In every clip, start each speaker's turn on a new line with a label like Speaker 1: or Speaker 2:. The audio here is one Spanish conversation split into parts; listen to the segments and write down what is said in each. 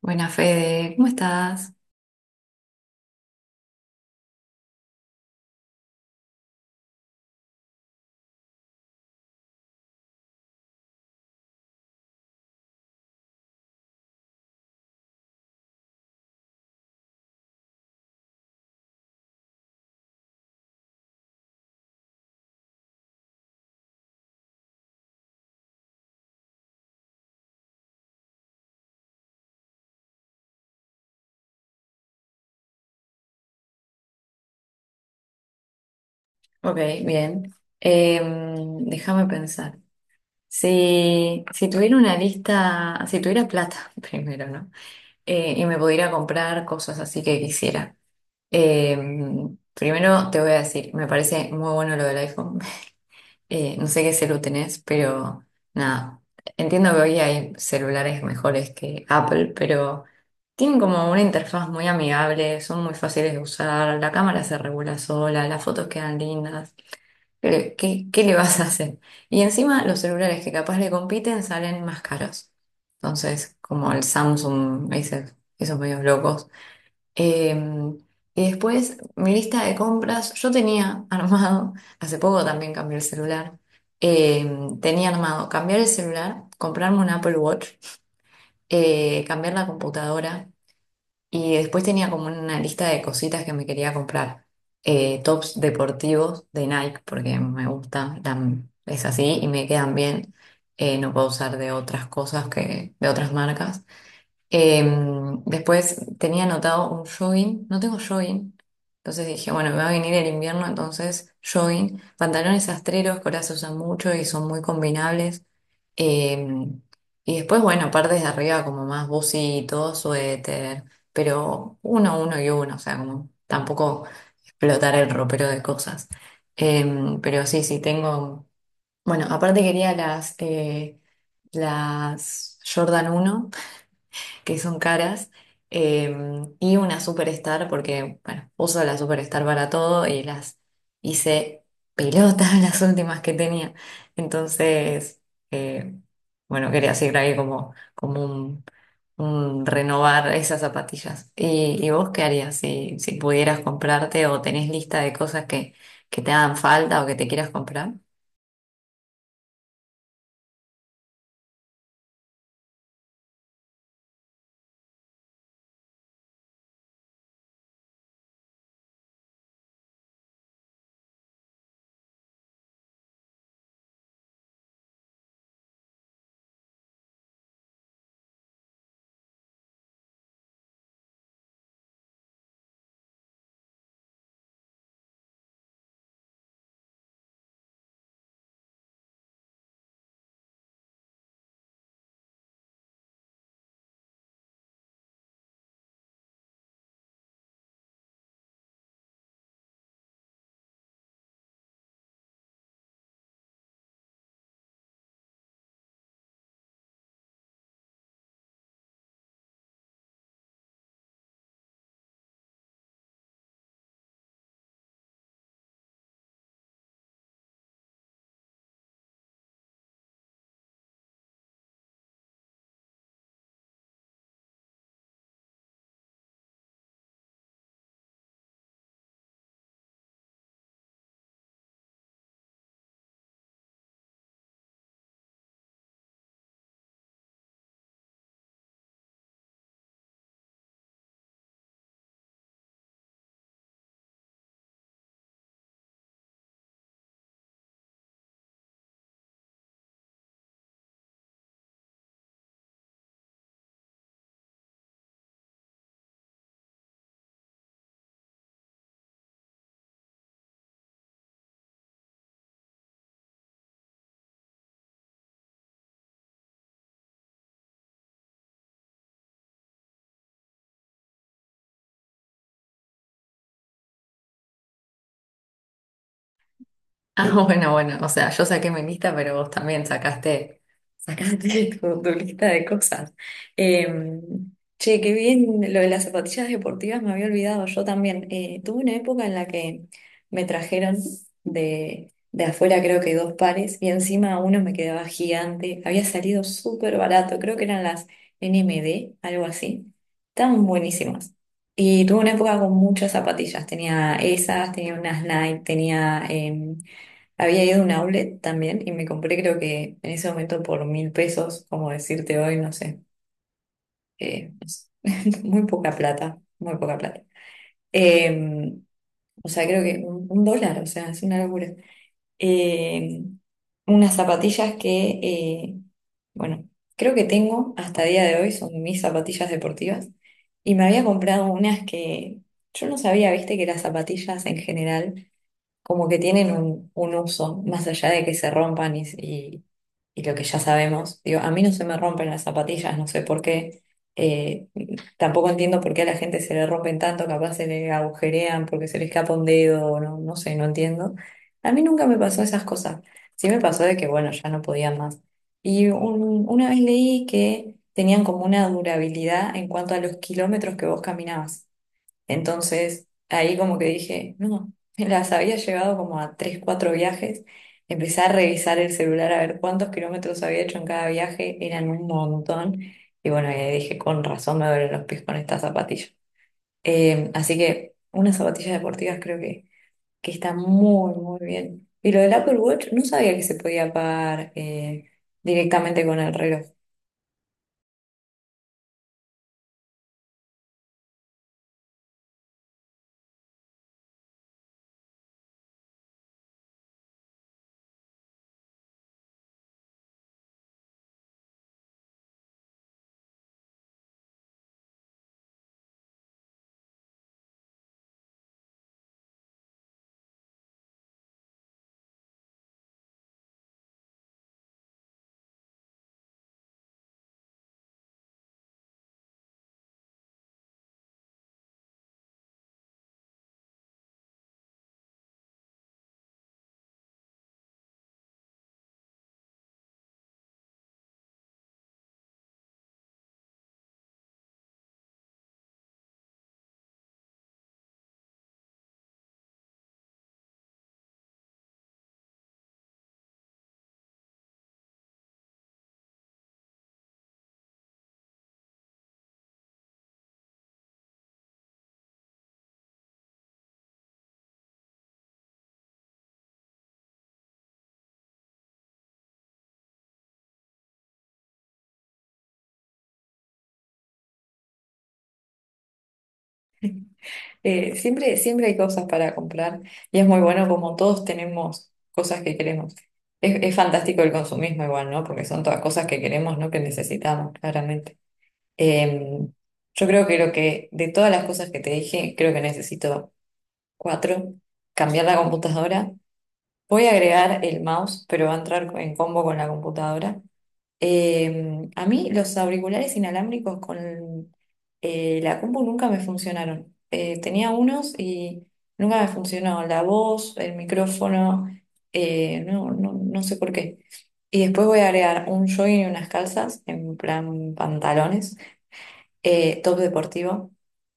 Speaker 1: Buena Fede, ¿cómo estás? Ok, bien. Déjame pensar. Si tuviera una lista, si tuviera plata primero, ¿no? Y me pudiera comprar cosas así que quisiera. Primero te voy a decir, me parece muy bueno lo del iPhone. No sé qué celu tenés, pero nada. Entiendo que hoy hay celulares mejores que Apple, pero tienen como una interfaz muy amigable, son muy fáciles de usar, la cámara se regula sola, las fotos quedan lindas. Pero, ¿qué le vas a hacer? Y encima los celulares que capaz le compiten salen más caros. Entonces, como el Samsung, esos medios locos. Em, y después mi lista de compras, yo tenía armado, hace poco también cambié el celular, tenía armado cambiar el celular, comprarme un Apple Watch, cambiar la computadora y después tenía como una lista de cositas que me quería comprar, tops deportivos de Nike porque me gusta, es así y me quedan bien, no puedo usar de otras cosas que de otras marcas. Después tenía anotado un jogging, no tengo jogging, entonces dije, bueno, me va a venir el invierno, entonces jogging, pantalones astreros, que ahora se usan mucho y son muy combinables. Em, y después, bueno, partes de arriba como más bucitos, suéter, pero uno, uno y uno, o sea, como tampoco explotar el ropero de cosas. Pero sí, sí, tengo, bueno, aparte quería las Jordan uno que son caras, eh, y una superstar, porque, bueno, uso la superstar para todo y las hice pelotas las últimas que tenía. Entonces, eh, bueno, quería seguir ahí como, como un renovar esas zapatillas. Y vos qué harías si, si pudieras comprarte o tenés lista de cosas que te hagan falta o que te quieras comprar? Ah, bueno, bueno, o sea, yo saqué mi lista, pero vos también sacaste, sacaste tu lista de cosas. Eh, Che, qué bien lo de las zapatillas deportivas, me había olvidado, yo también. Tuve una época en la que me trajeron de afuera creo que dos pares y encima uno me quedaba gigante, había salido súper barato, creo que eran las NMD, algo así. Estaban buenísimas. Y tuve una época con muchas zapatillas, tenía esas, tenía unas Nike, tenía... había ido a un outlet también y me compré, creo que en ese momento por 1.000 pesos, como decirte hoy, no sé, no sé, muy poca plata, muy poca plata. Eh, o sea, creo que un dólar, o sea, es una locura. Eh, Unas zapatillas que, bueno, creo que tengo hasta día de hoy, son mis zapatillas deportivas. Y me había comprado unas que yo no sabía, viste, que las zapatillas en general como que tienen un uso, más allá de que se rompan y lo que ya sabemos. Digo, a mí no se me rompen las zapatillas, no sé por qué. Eh, Tampoco entiendo por qué a la gente se le rompen tanto, capaz se le agujerean porque se le escapa un dedo, o no, no sé, no entiendo. A mí nunca me pasó esas cosas. Sí me pasó de que, bueno, ya no podía más. Y una vez leí que tenían como una durabilidad en cuanto a los kilómetros que vos caminabas. Entonces, ahí como que dije, no, me las había llevado como a tres, cuatro viajes. Empecé a revisar el celular a ver cuántos kilómetros había hecho en cada viaje, eran un montón. Y bueno, y ahí dije, con razón me duelen los pies con estas zapatillas. Así que unas zapatillas deportivas creo que están muy, muy bien. Y lo del Apple Watch, no sabía que se podía pagar directamente con el reloj. Siempre, siempre hay cosas para comprar y es muy bueno como todos tenemos cosas que queremos. Es fantástico el consumismo igual, ¿no? Porque son todas cosas que queremos, no que necesitamos, claramente. Eh, yo creo que lo que, de todas las cosas que te dije, creo que necesito cuatro. Cambiar la computadora. Voy a agregar el mouse, pero va a entrar en combo con la computadora. A mí los auriculares inalámbricos con la compu nunca me funcionaron. Tenía unos y nunca me funcionó la voz, el micrófono, no sé por qué. Y después voy a agregar un jogging y unas calzas, en plan pantalones, top deportivo,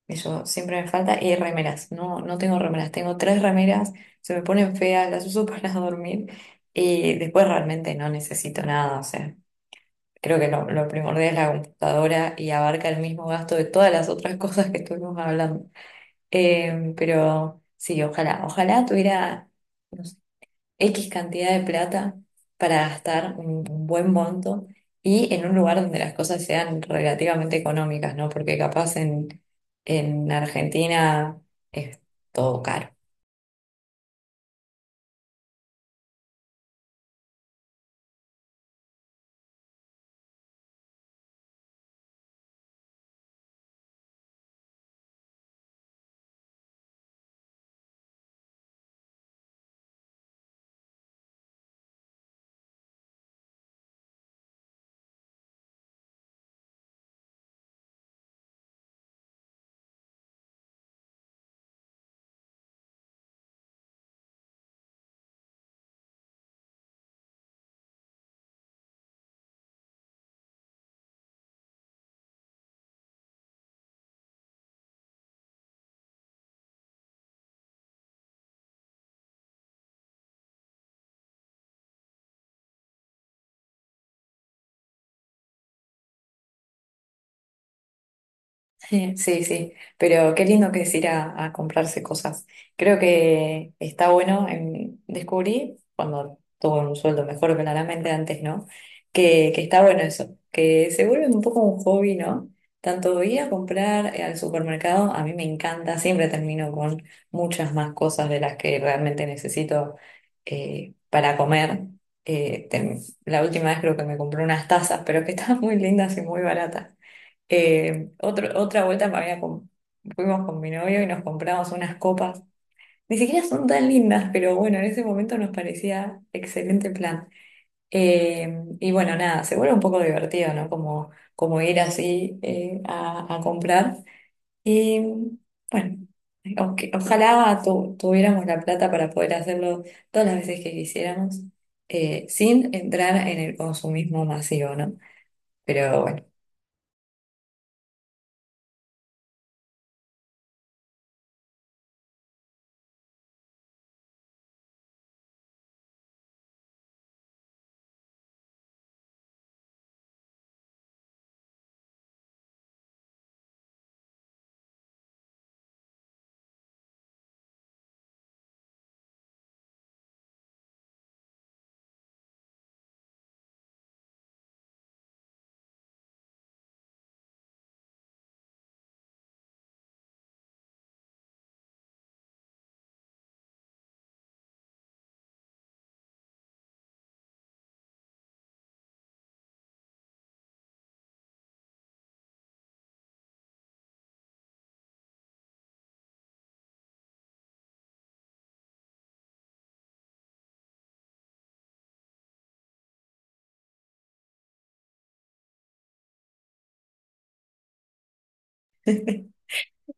Speaker 1: eso siempre me falta, y remeras. No, no tengo remeras, tengo tres remeras, se me ponen feas, las uso para dormir y después realmente no necesito nada, o sea. Creo que lo primordial es la computadora y abarca el mismo gasto de todas las otras cosas que estuvimos hablando. Pero sí, ojalá, ojalá tuviera, no sé, X cantidad de plata para gastar un buen monto y en un lugar donde las cosas sean relativamente económicas, ¿no? Porque capaz en Argentina es todo caro. Sí, sí, sí, pero qué lindo que es ir a comprarse cosas. Creo que está bueno, en, descubrí cuando tuve un sueldo mejor claramente antes, ¿no? Que está bueno eso, que se vuelve un poco un hobby, ¿no? Tanto ir a comprar al supermercado, a mí me encanta, siempre termino con muchas más cosas de las que realmente necesito para comer. La última vez creo que me compré unas tazas, pero que estaban muy lindas y muy baratas. Otra vuelta fuimos con mi novio y nos compramos unas copas. Ni siquiera son tan lindas, pero bueno, en ese momento nos parecía excelente plan. Y bueno, nada, se vuelve un poco divertido, ¿no? Como, como ir así a comprar. Y bueno, ojalá tuviéramos la plata para poder hacerlo todas las veces que quisiéramos, sin entrar en el consumismo masivo, ¿no? Pero bueno.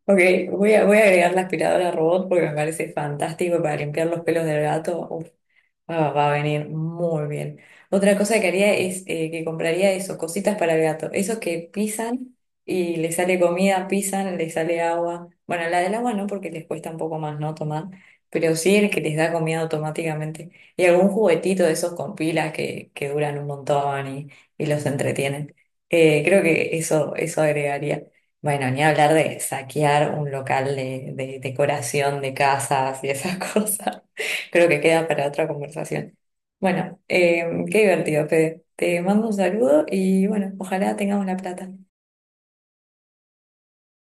Speaker 1: Ok, voy a, voy a agregar la aspiradora robot porque me parece fantástico para limpiar los pelos del gato. Ah, va a venir muy bien. Otra cosa que haría es que compraría eso, cositas para el gato. Esos que pisan y le sale comida, pisan, le sale agua. Bueno, la del agua no, porque les cuesta un poco más, ¿no? Tomar. Pero sí el que les da comida automáticamente. Y algún juguetito de esos con pilas que duran un montón y los entretienen. Creo que eso agregaría. Bueno, ni hablar de saquear un local de decoración de casas y esas cosas. Creo que queda para otra conversación. Bueno, qué divertido, Fede. Te mando un saludo y bueno, ojalá tengamos la plata.